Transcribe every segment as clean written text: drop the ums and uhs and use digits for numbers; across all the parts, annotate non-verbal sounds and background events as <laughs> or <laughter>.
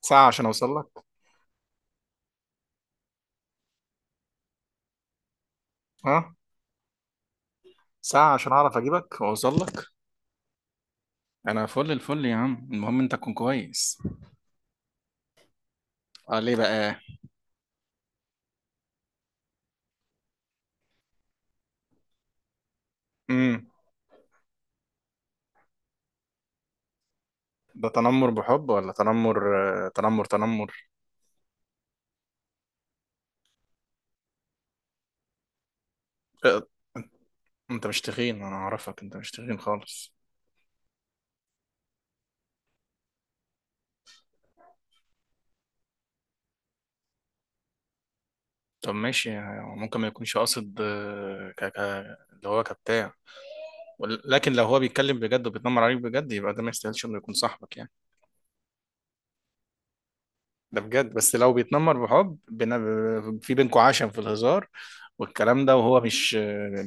ساعة عشان أوصل لك. ها. ساعة عشان أعرف أجيبك وأوصل لك. أنا فل الفل يا عم، المهم أنت تكون كويس. أه، ليه بقى؟ امم. ده تنمر بحب ولا تنمر؟ تنمر تنمر. آه، أنت مش تخين، أنا أعرفك، أنت مش تخين خالص. طب ماشي، يعني ممكن ما يكونش قاصد، اللي هو كبتاع. لكن لو هو بيتكلم بجد وبيتنمر عليك بجد، يبقى ده ما يستاهلش إنه يكون صاحبك يعني. ده بجد، بس لو بيتنمر بحب في بينكوا عشم في الهزار والكلام ده، وهو مش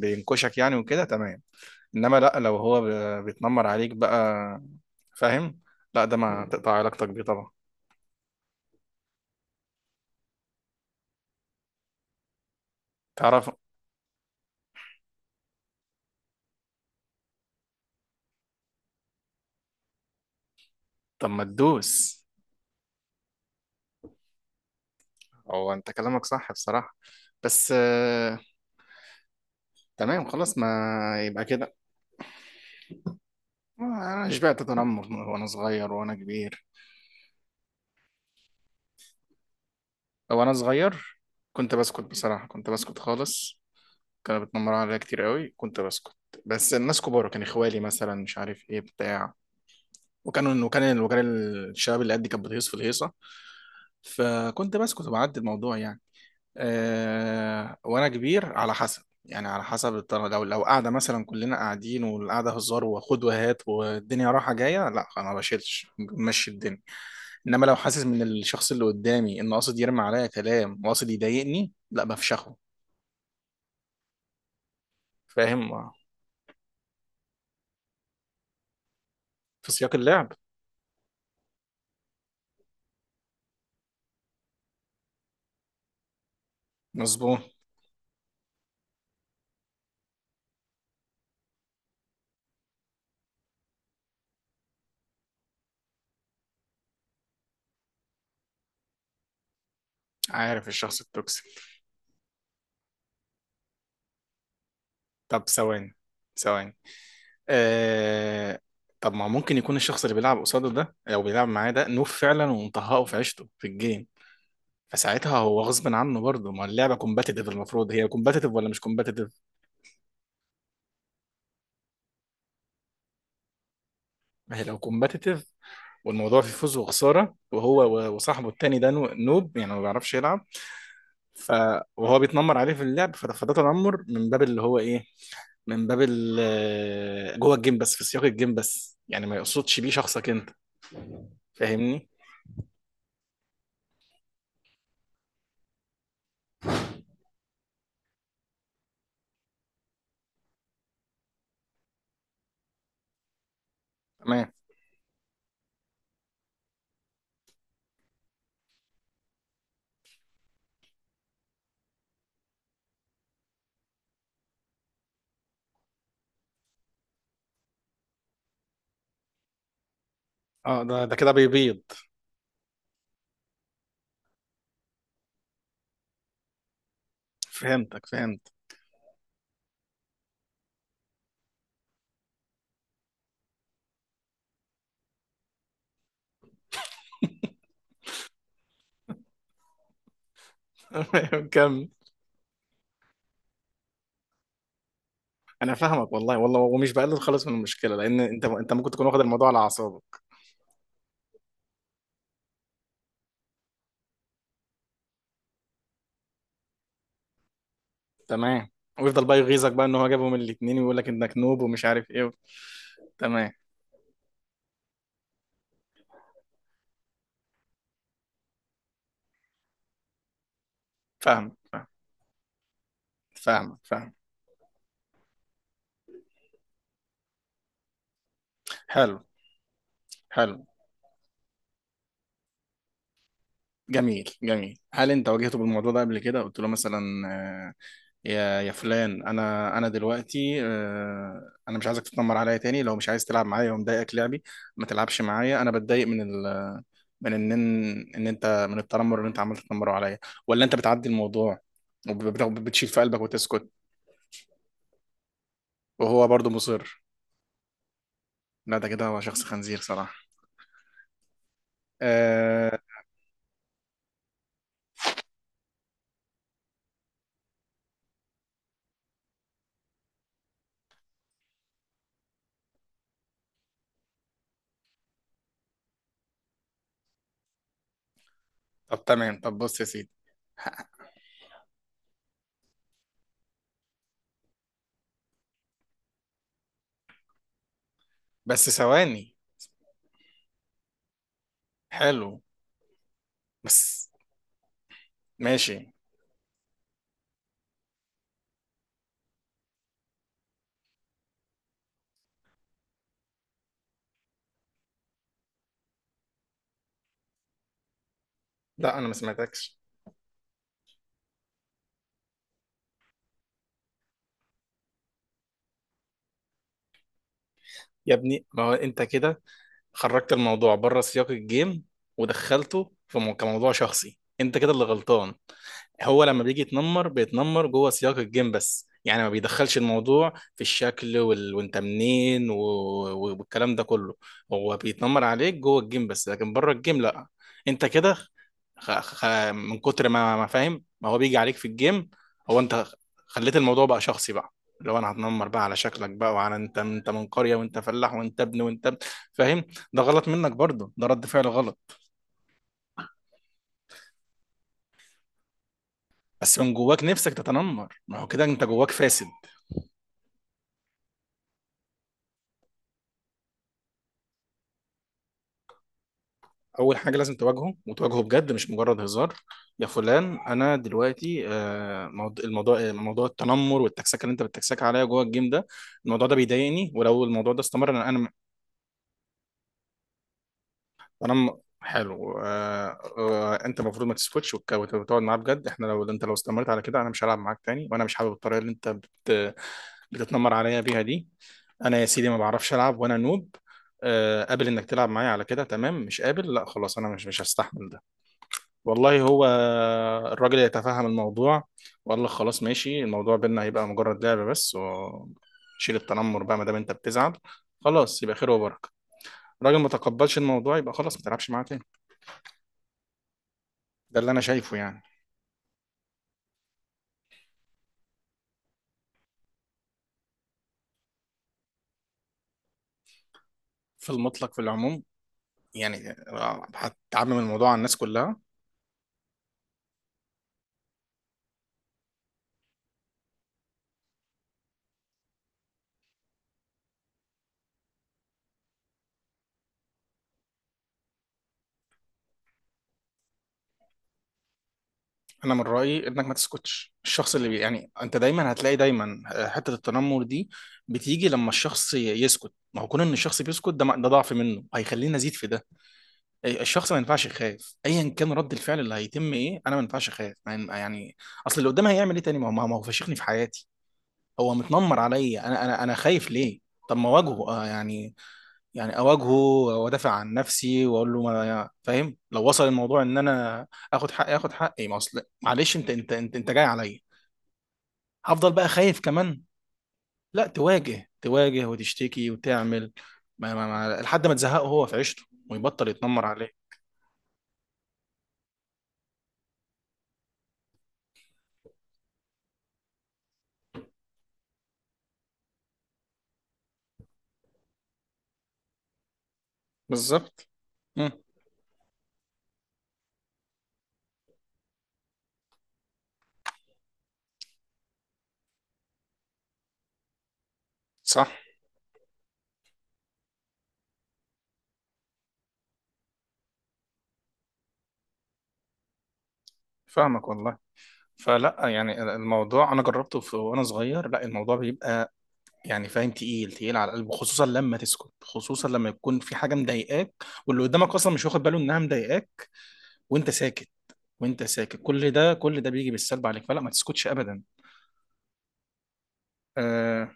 بينكشك يعني، وكده تمام. انما لا، لو هو بيتنمر عليك بقى، فاهم. لا ده ما تقطع علاقتك بيه طبعا. تعرف. طب، ما تدوس. هو انت كلامك صح بصراحة، بس. تمام خلاص، ما. يبقى كده. انا شبعت تنمر وانا صغير وانا كبير. وانا صغير، كنت بسكت بصراحة، كنت بسكت خالص. كانوا بيتنمروا عليا كتير قوي، كنت بسكت. بس الناس كبار، كان اخوالي مثلا مش عارف ايه بتاع، وكانوا وكان. الشباب اللي قدي كانت بتهيص في الهيصه، فكنت بسكت وبعدي الموضوع يعني. أه، وانا كبير على حسب، يعني على حسب الطريقة، لو قاعدة مثلا كلنا قاعدين والقعدة هزار وخد وهات والدنيا رايحة جاية، لا أنا ما بشيلش، ماشي الدنيا. إنما لو حاسس من الشخص اللي قدامي إنه قاصد يرمي عليا كلام وقاصد يضايقني، لا، بفشخه. فاهم. في سياق اللعب. مظبوط. عارف الشخص التوكسيك. طب، ثواني. ثواني. آه... طب ما ممكن يكون الشخص اللي بيلعب قصاده ده او بيلعب معاه ده نوب فعلا، ومطهقه في عيشته في الجيم. فساعتها هو غصب عنه برضه، ما اللعبه كومباتيتيف، المفروض هي كومباتيتيف ولا مش كومباتيتيف. ما هي لو كومباتيتيف، والموضوع فيه فوز وخساره، وهو وصاحبه التاني ده نوب، يعني ما بيعرفش يلعب. ف، وهو بيتنمر عليه في اللعب، فده تنمر من باب اللي هو ايه. من باب جوه الجيم بس، في سياق الجيم بس، يعني ما يقصدش بيه شخصك انت. فاهمني. تمام. اه، ده كده بيبيض. فهمتك فهمت. <laughs> كمل. انا فاهمك والله والله، ومش بقلل خالص من المشكله، لان انت ممكن تكون واخد الموضوع على اعصابك. تمام. ويفضل بقى يغيظك بقى ان هو جابهم الاثنين ويقول لك انك نوب ومش عارف ايه. تمام. فاهمك فاهمك. فاهمك فاهم. حلو. حلو، جميل جميل، هل انت واجهته بالموضوع ده قبل كده؟ قلت له مثلا، آه، يا فلان، انا دلوقتي انا مش عايزك تتنمر عليا تاني، لو مش عايز تلعب معايا ومضايقك لعبي، ما تلعبش معايا. انا بتضايق من ان انت من التنمر اللي انت عمال تتنمره عليا، ولا انت بتعدي الموضوع، بتشيل في قلبك وتسكت، وهو برضه مصر؟ لا، ده كده هو شخص خنزير صراحة. آه... طب تمام، طب بص يا سيدي. بس ثواني. حلو. بس. ماشي. لا، انا ما سمعتكش. يا ابني، ما هو انت كده، خرجت الموضوع بره سياق الجيم، ودخلته في كموضوع شخصي، انت كده اللي غلطان. هو لما بيجي يتنمر، بيتنمر جوه سياق الجيم بس، يعني ما بيدخلش الموضوع في الشكل وانت منين والكلام ده كله. هو بيتنمر عليك جوه الجيم بس، لكن بره الجيم لا. انت كده. خ... خ... من كتر ما فاهم ما هو بيجي عليك في الجيم، هو انت خليت الموضوع بقى شخصي بقى. لو انا هتنمر بقى على شكلك بقى، وعلى انت من قرية، وانت فلاح، وانت ابن وانت ابن. فاهم. ده غلط منك برضه، ده رد فعل غلط. بس من جواك نفسك تتنمر، ما هو كده انت جواك فاسد. اول حاجه لازم تواجهه وتواجهه بجد، مش مجرد هزار. يا فلان، انا دلوقتي الموضوع موضوع التنمر والتكسكه اللي انت بتتكسك عليا جوه الجيم ده، الموضوع ده بيضايقني، ولو الموضوع ده استمر انا انا. انا، حلو، انت المفروض ما تسكتش، وتقعد معاه بجد، احنا لو انت لو استمرت على كده، انا مش هلعب معاك تاني، وانا مش حابب الطريقه اللي انت بتتنمر عليا بيها دي. انا يا سيدي، ما بعرفش العب وانا نوب. قابل انك تلعب معايا على كده، تمام. مش قابل، لا خلاص، انا مش هستحمل ده. والله، هو الراجل يتفهم الموضوع، وقال لك خلاص ماشي، الموضوع بينا هيبقى مجرد لعبة بس، وشيل التنمر بقى ما دام انت بتزعل، خلاص يبقى خير وبركة. الراجل ما تقبلش الموضوع، يبقى خلاص ما تلعبش معاه تاني. ده اللي انا شايفه يعني. في المطلق، في العموم. يعني هتعمم الموضوع على الناس كلها؟ انا من رايي انك ما تسكتش، الشخص اللي يعني انت دايما هتلاقي دايما حته التنمر دي، بتيجي لما الشخص يسكت. ما هو كون ان الشخص بيسكت ده ضعف منه، هيخليني ازيد في ده. الشخص ما ينفعش يخاف، ايا كان رد الفعل اللي هيتم ايه، انا ما ينفعش اخاف ما ين- يعني، اصل اللي قدام هيعمل ايه تاني، ما هو فشخني في حياتي. هو متنمر عليا انا، خايف ليه؟ طب، ما واجهه آه يعني. يعني اواجهه وادافع عن نفسي واقول له، ما يعني، فاهم لو وصل الموضوع ان انا اخد حقي اخد حقي، ما اصل معلش انت جاي عليا، هفضل بقى خايف كمان؟ لا، تواجه تواجه وتشتكي وتعمل ما ما ما لحد ما تزهقه هو في عيشته، ويبطل يتنمر عليه. بالظبط. مم. صح. فاهمك والله. فلا، يعني الموضوع انا جربته في وانا صغير، لا الموضوع بيبقى، يعني فاهم، تقيل تقيل على القلب، خصوصا لما تسكت، خصوصا لما يكون في حاجه مضايقاك، واللي قدامك اصلا مش واخد باله انها مضايقاك، وانت ساكت، وانت ساكت، كل ده كل ده بيجي بالسلب عليك، فلا، ما تسكتش ابدا. آه،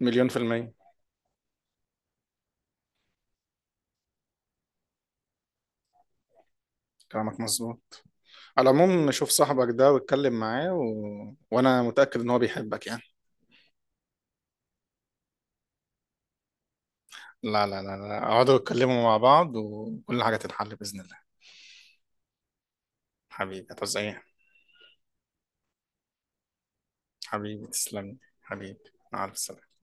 مليون في المية. كلامك مظبوط. على العموم، شوف صاحبك ده واتكلم معاه. وانا متأكد ان هو بيحبك يعني. لا، لا، لا، لا، اقعدوا اتكلموا مع بعض، وكل حاجة تتحل بإذن الله. حبيبي، هتعوز ايه؟ حبيبي، تسلم لي. حبيبي. مع السلامة.